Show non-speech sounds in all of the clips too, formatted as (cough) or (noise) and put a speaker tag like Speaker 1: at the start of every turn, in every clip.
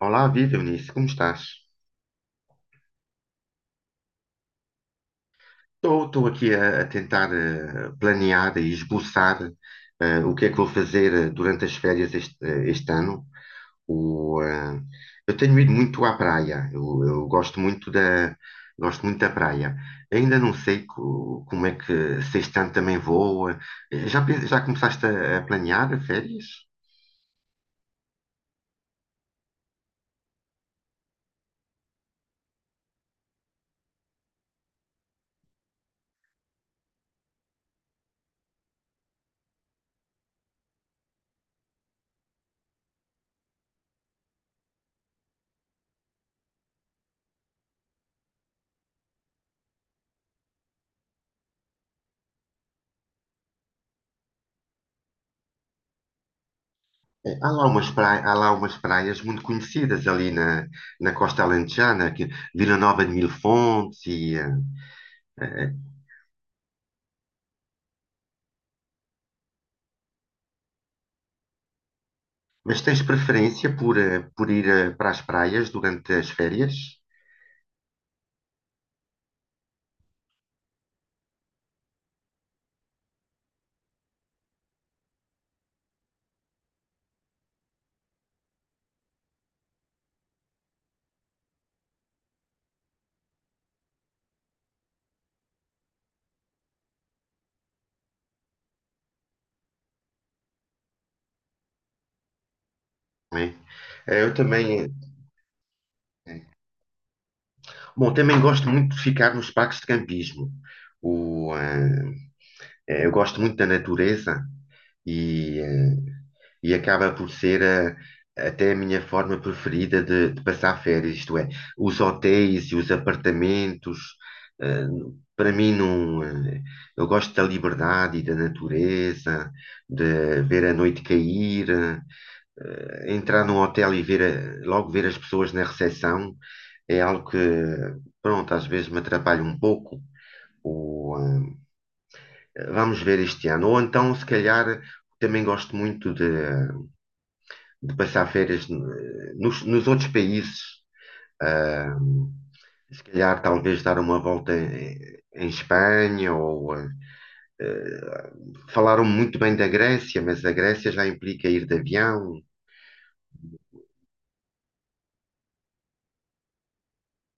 Speaker 1: Olá, viva Eunice, como estás? Estou aqui a tentar planear e esboçar o que é que vou fazer durante as férias este ano. O, eh, eu tenho ido muito à praia, eu gosto muito da praia. Ainda não sei como é que se este ano também vou. Já, já começaste a planear férias? É, Há lá umas praias, há lá umas praias muito conhecidas ali na, na Costa Alentejana, que Vila Nova de Mil Fontes e, eh, mas tens preferência por, por ir para as praias durante as férias? Não é? Eu também, eh, bom, também gosto muito de ficar nos parques de campismo. O, eh, eu gosto muito da natureza e e acaba por ser até a minha forma preferida de passar férias, isto é, os hotéis e os apartamentos, eh, para mim não, eu gosto da liberdade e da natureza, de ver a noite cair, entrar num hotel e ver logo ver as pessoas na recepção é algo que, pronto, às vezes me atrapalha um pouco. Ou, vamos ver este ano. Ou então, se calhar, também gosto muito de passar férias nos, nos outros países. ah, Se calhar, talvez dar uma volta em, em Espanha ou eh, falaram muito bem da Grécia, mas a Grécia já implica ir de avião.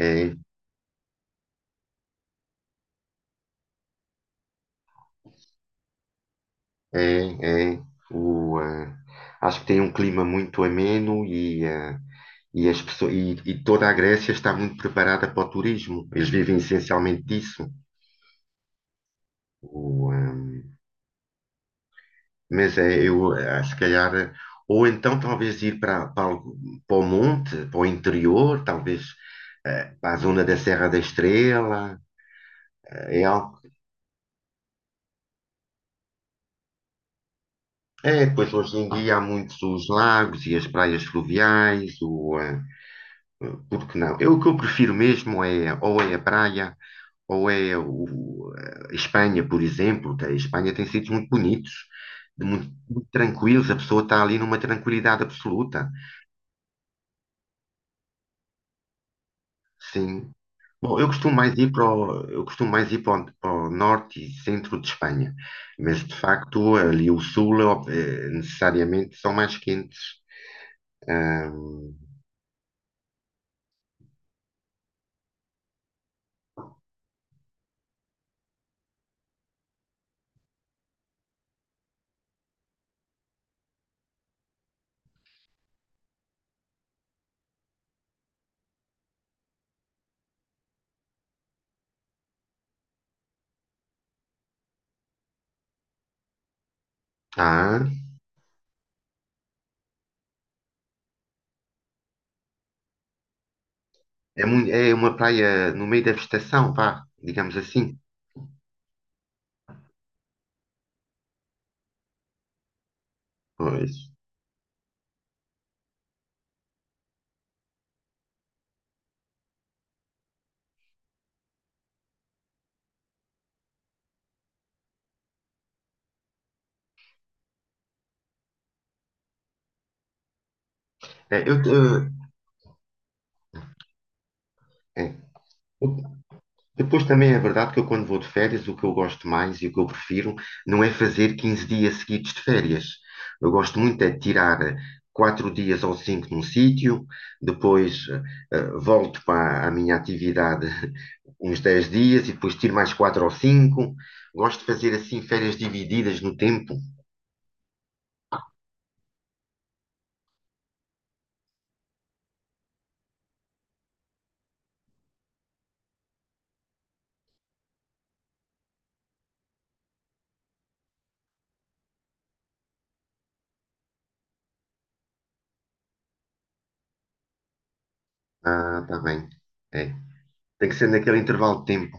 Speaker 1: É, é, é. O, eh, Acho que tem um clima muito ameno e, e as pessoas, e toda a Grécia está muito preparada para o turismo. Eles vivem essencialmente disso. O, eh, Mas é, eu, se calhar, ou então talvez ir para, para, para o monte, para o interior, talvez para a zona da Serra da Estrela, é algo. É, depois hoje em dia há muitos os lagos e as praias fluviais, por que não? Eu, o que eu prefiro mesmo é ou é a praia ou é o, Espanha, por exemplo. Que a Espanha tem sítios muito bonitos, de muito, muito tranquilos, a pessoa está ali numa tranquilidade absoluta. Sim, bom, eu costumo mais ir para o, eu costumo mais ir para o, para o norte e centro de Espanha, mas de facto ali o sul é necessariamente são mais quentes. Ahm, ah, É, é uma praia no meio da vegetação, vá, digamos assim. Pois. É, eu, eh, é. Depois também é verdade que eu, quando vou de férias, o que eu gosto mais e o que eu prefiro não é fazer 15 dias seguidos de férias. Eu gosto muito é de tirar quatro dias ou cinco num sítio, depois volto para a minha atividade (laughs) uns 10 dias e depois tiro mais quatro ou cinco. Gosto de fazer assim férias divididas no tempo. Ah, está bem. É. Tem que ser naquele intervalo de tempo.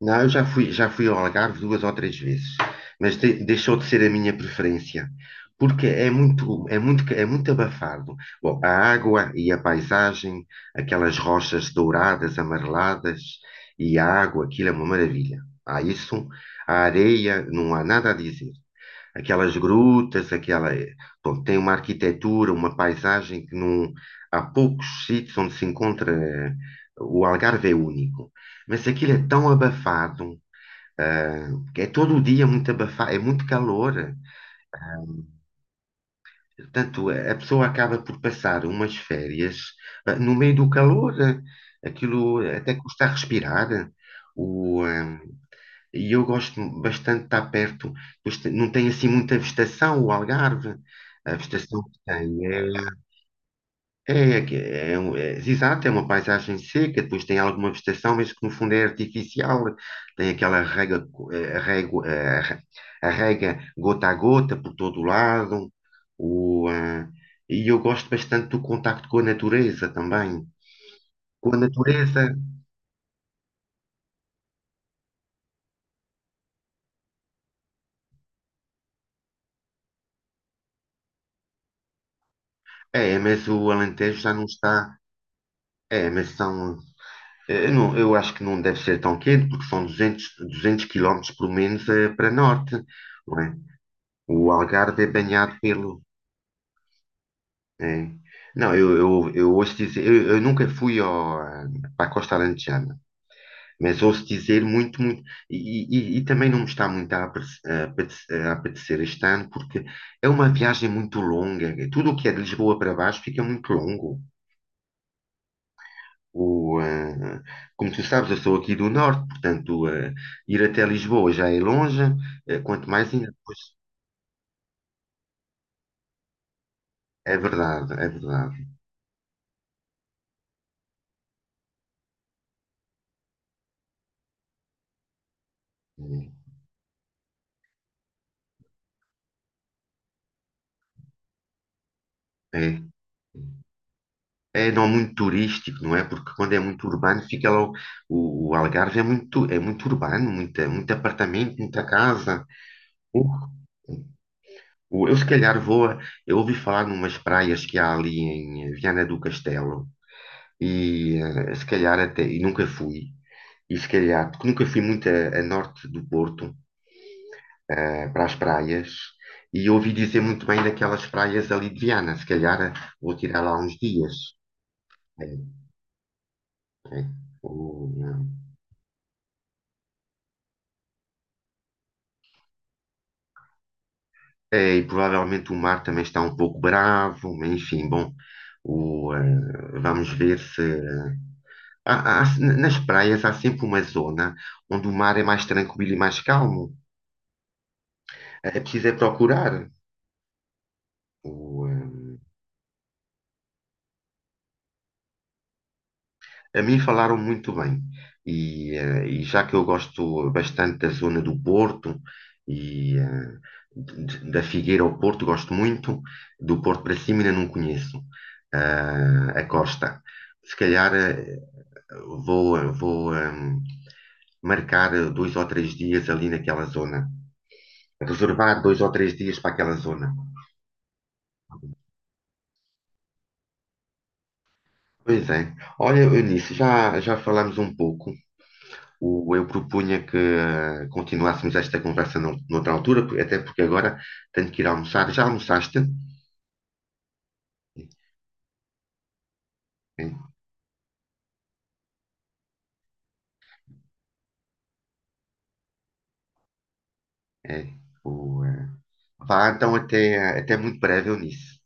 Speaker 1: Não, eu já fui ao Algarve duas ou três vezes, mas deixou de ser a minha preferência, porque é muito, é muito, é muito abafado. Bom, a água e a paisagem, aquelas rochas douradas, amareladas, e a água, aquilo é uma maravilha. Há isso, a areia, não há nada a dizer. Aquelas grutas, aquela. Bom, tem uma arquitetura, uma paisagem que não. Há poucos sítios onde se encontra. O Algarve é único. Mas aquilo é tão abafado, ah, que é todo o dia muito abafado, é muito calor. Portanto, a pessoa acaba por passar umas férias, no meio do calor. Aquilo até custa a respirar. O, ah, E eu gosto bastante de estar perto, pois não tem assim muita vegetação o Algarve. A vegetação que tem é, é, é, exato, é uma paisagem seca, depois tem alguma vegetação, mas que no fundo é artificial. Tem aquela rega, a rega gota a gota por todo o lado. O, ah, e eu gosto bastante do contacto com a natureza também. Com a natureza, é, mas o Alentejo já não está. É, mas são não, eu acho que não deve ser tão quente, porque são 200, 200 quilómetros, pelo menos, para norte, não é? O Algarve é banhado pelo... é. Não, eu ouço dizer... eu nunca fui ao, para a Costa Alentejana, mas ouço dizer muito, muito... E, e também não me está muito a apetecer este ano, porque é uma viagem muito longa. Tudo o que é de Lisboa para baixo fica muito longo. O, eh, Como tu sabes, eu sou aqui do norte, portanto, ir até Lisboa já é longe, quanto mais ainda depois. É verdade, é verdade. É, é não muito turístico, não é? Porque quando é muito urbano, fica lá o Algarve é muito urbano, muita, muito apartamento, muita casa. Uh, eu se calhar vou, eu ouvi falar numas praias que há ali em Viana do Castelo e se calhar até, e nunca fui. E se calhar, porque nunca fui muito a norte do Porto, para as praias, e ouvi dizer muito bem daquelas praias ali de Viana. Se calhar vou tirar lá uns dias. É, é. O- é, é, e provavelmente o mar também está um pouco bravo, mas enfim, bom, vamos ver se. Há- nas praias há sempre uma zona onde o mar é mais tranquilo e mais calmo. É preciso é procurar. O, eh, A mim falaram muito bem. E já que eu gosto bastante da zona do Porto e da Figueira ao Porto, gosto muito. Do Porto para cima ainda não conheço a costa. Se calhar vou, vou marcar dois ou três dias ali naquela zona. Reservar dois ou três dias para aquela zona. Pois é. Olha, Eunice, já, já falámos um pouco. Eu propunha que continuássemos esta conversa noutra altura, porque- até porque agora tenho que ir almoçar. Já almoçaste? É, é. É, O, eh, Vá, então, até, até muito breve, Eunice.